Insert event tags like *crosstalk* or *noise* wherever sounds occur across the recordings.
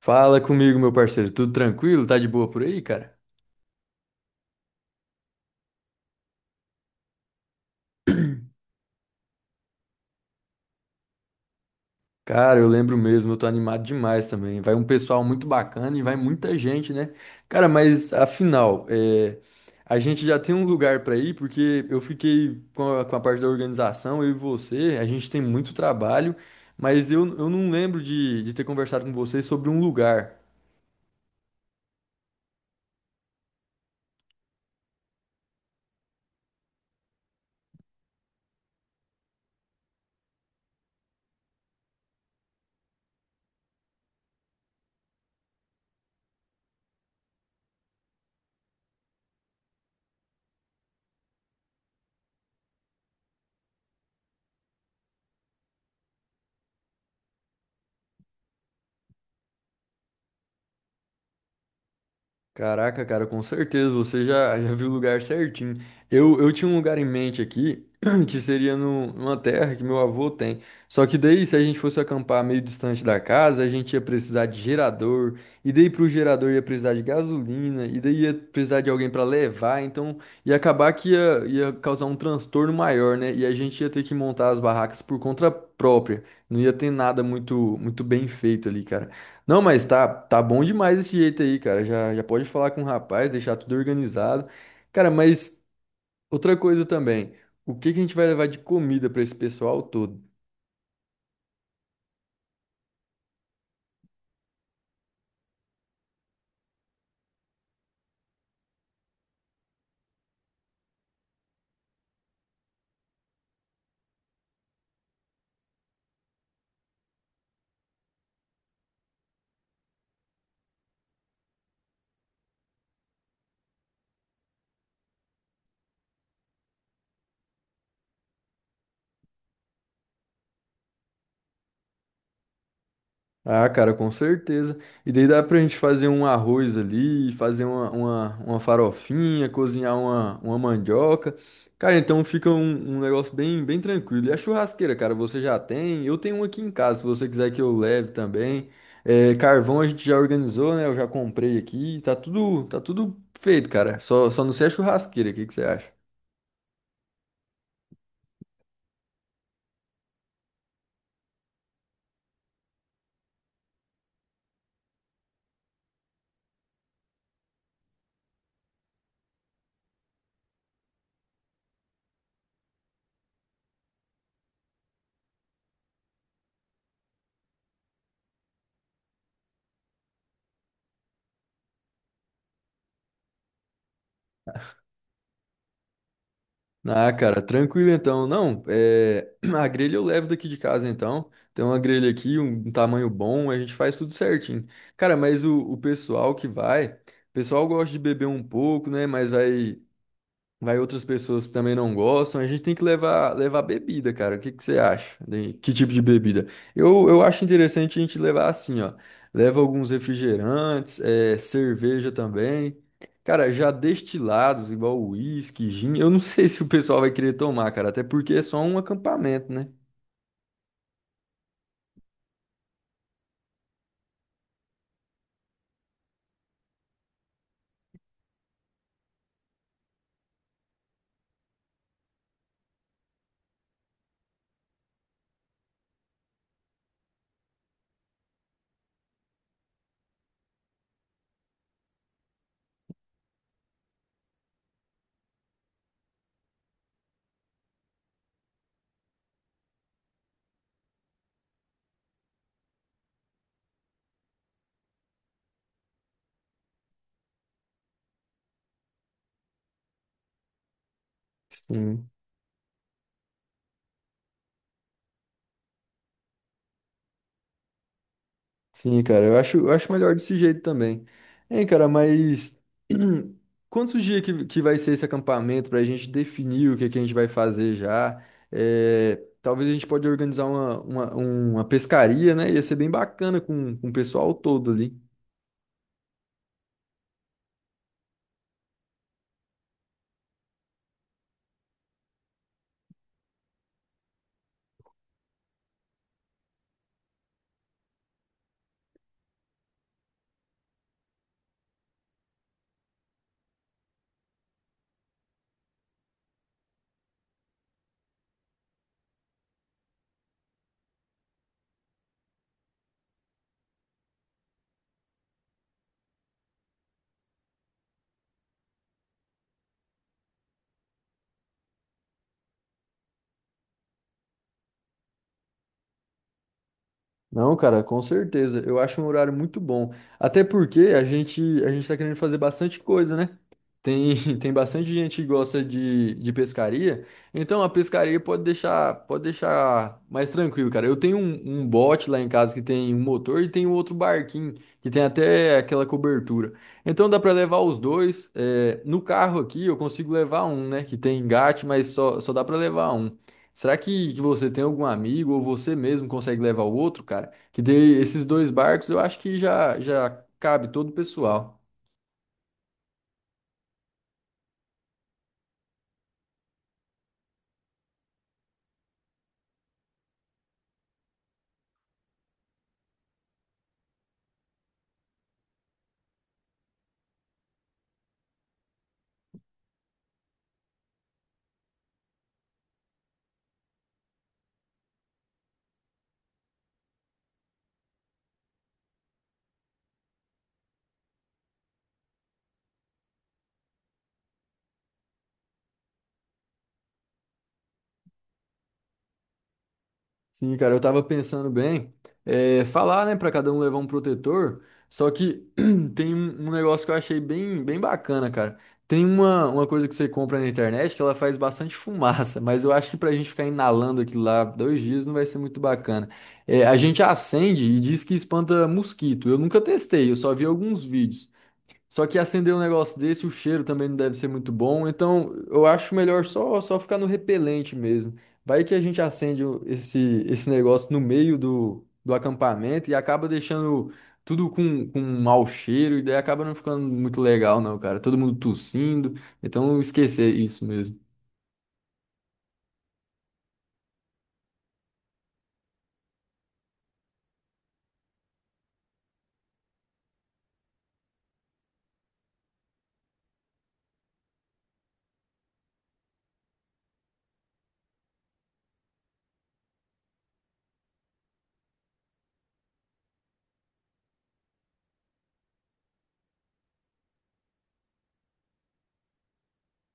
Fala comigo, meu parceiro. Tudo tranquilo? Tá de boa por aí, cara? Cara, eu lembro mesmo, eu tô animado demais também. Vai um pessoal muito bacana e vai muita gente, né? Cara, mas afinal, é, a gente já tem um lugar pra ir, porque eu fiquei com a parte da organização, eu e você, a gente tem muito trabalho, mas eu não lembro de ter conversado com vocês sobre um lugar. Caraca, cara, com certeza você já viu o lugar certinho. Eu tinha um lugar em mente aqui, *clears throat* que seria numa terra que meu avô tem. Só que daí, se a gente fosse acampar meio distante da casa, a gente ia precisar de gerador, e daí pro gerador ia precisar de gasolina, e daí ia precisar de alguém para levar, então ia acabar que ia causar um transtorno maior, né? E a gente ia ter que montar as barracas por conta própria. Não ia ter nada muito, muito bem feito ali, cara. Não, mas tá bom demais esse jeito aí, cara. Já pode falar com o rapaz, deixar tudo organizado. Cara, mas outra coisa também. O que que a gente vai levar de comida pra esse pessoal todo? Ah, cara, com certeza. E daí dá pra gente fazer um arroz ali, fazer uma farofinha, cozinhar uma mandioca. Cara, então fica um, um negócio bem, bem tranquilo. E a churrasqueira, cara, você já tem? Eu tenho uma aqui em casa, se você quiser que eu leve também. É, carvão a gente já organizou, né? Eu já comprei aqui. Tá tudo feito, cara. Só não sei a churrasqueira. O que que você acha? Ah, cara, tranquilo então. Não, é... *clears throat* a grelha eu levo daqui de casa então. Tem uma grelha aqui, um tamanho bom, a gente faz tudo certinho. Cara, mas o pessoal que vai, o pessoal gosta de beber um pouco, né? Mas vai. Vai outras pessoas que também não gostam. A gente tem que levar bebida, cara. O que que você acha? Que tipo de bebida? Eu acho interessante a gente levar assim, ó. Leva alguns refrigerantes, é, cerveja também. Cara, já destilados, igual uísque, gin. Eu não *laughs* sei se o pessoal vai querer tomar, cara. Até porque é só um acampamento, né? Sim. Sim, cara, eu acho melhor desse jeito também. Hein, cara, mas *clears throat* quantos dias que vai ser esse acampamento pra gente definir o que a gente vai fazer já? É, talvez a gente pode organizar uma pescaria, né? Ia ser bem bacana com o pessoal todo ali. Não, cara, com certeza. Eu acho um horário muito bom. Até porque a gente tá querendo fazer bastante coisa, né? Tem, *laughs* tem bastante gente que gosta de pescaria. Então a pescaria pode deixar mais tranquilo, cara. Eu tenho um, um bote lá em casa que tem um motor e tem um outro barquinho que tem até aquela cobertura. Então dá pra levar os dois. É, no carro aqui eu consigo levar um, né? Que tem engate, mas só dá pra levar um. Será que você tem algum amigo ou você mesmo consegue levar o outro, cara? Que dê esses dois barcos, eu acho que já cabe todo o pessoal. Sim, cara, eu tava pensando bem, é, falar, né, pra cada um levar um protetor, só que *clears throat* tem um um negócio que eu achei bem, bem bacana, cara. Tem uma coisa que você compra na internet que ela faz bastante *laughs* fumaça, mas eu acho que pra gente ficar inalando aquilo lá dois dias não vai ser muito bacana. É, a gente acende e diz que espanta mosquito. Eu nunca testei, eu só vi alguns vídeos. Só que acender um negócio desse, o cheiro também não deve ser muito bom. Então, eu acho melhor só ficar no repelente mesmo. Vai que a gente acende esse, esse negócio no meio do acampamento e acaba deixando tudo com um mau cheiro, e daí acaba não ficando muito legal, não, cara. Todo mundo tossindo. Então, esquecer isso mesmo.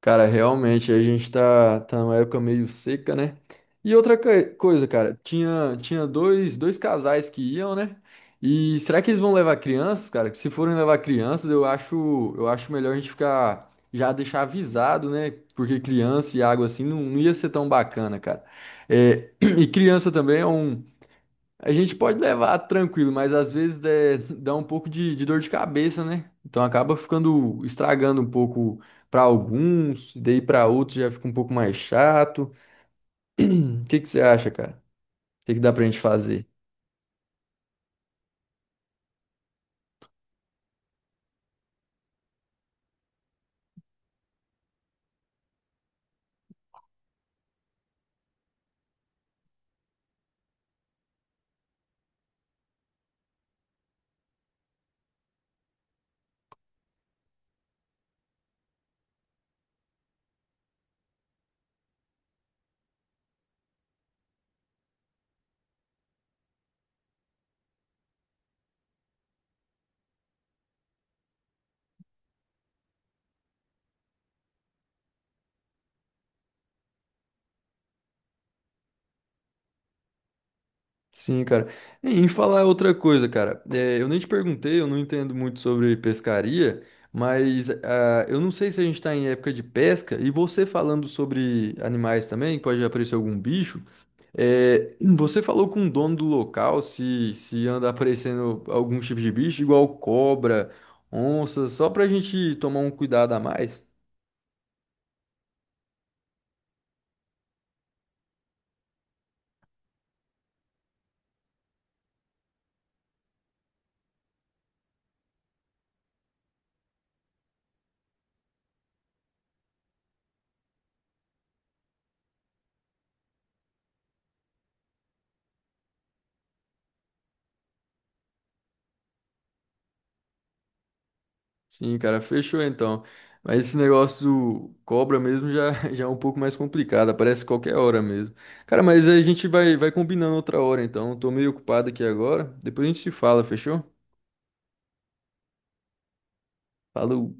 Cara, realmente, a gente tá numa época meio seca, né? E outra coisa, cara, tinha dois casais que iam, né? E será que eles vão levar crianças, cara? Que se forem levar crianças, eu acho melhor a gente ficar, já deixar avisado, né? Porque criança e água assim não ia ser tão bacana, cara. É, *clears throat* e criança também é um, a gente pode levar tranquilo, mas às vezes é, dá um pouco de dor de cabeça, né? Então acaba ficando estragando um pouco para alguns, e daí para outros já fica um pouco mais chato. O que que você acha, cara? O que que dá pra gente fazer? Sim, cara. E em falar outra coisa, cara. É, eu nem te perguntei, eu não entendo muito sobre pescaria, mas ah, eu não sei se a gente tá em época de pesca e você falando sobre animais também, que pode aparecer algum bicho. É, você falou com o dono do local se, se anda aparecendo algum tipo de bicho, igual cobra, onça, só pra gente tomar um cuidado a mais? Sim, cara, fechou então. Mas esse negócio do cobra mesmo já, *laughs* já é um pouco mais complicado, aparece qualquer hora mesmo. Cara, mas a gente vai combinando outra hora então. Tô meio ocupado aqui agora. Depois a gente se fala, fechou? Falou.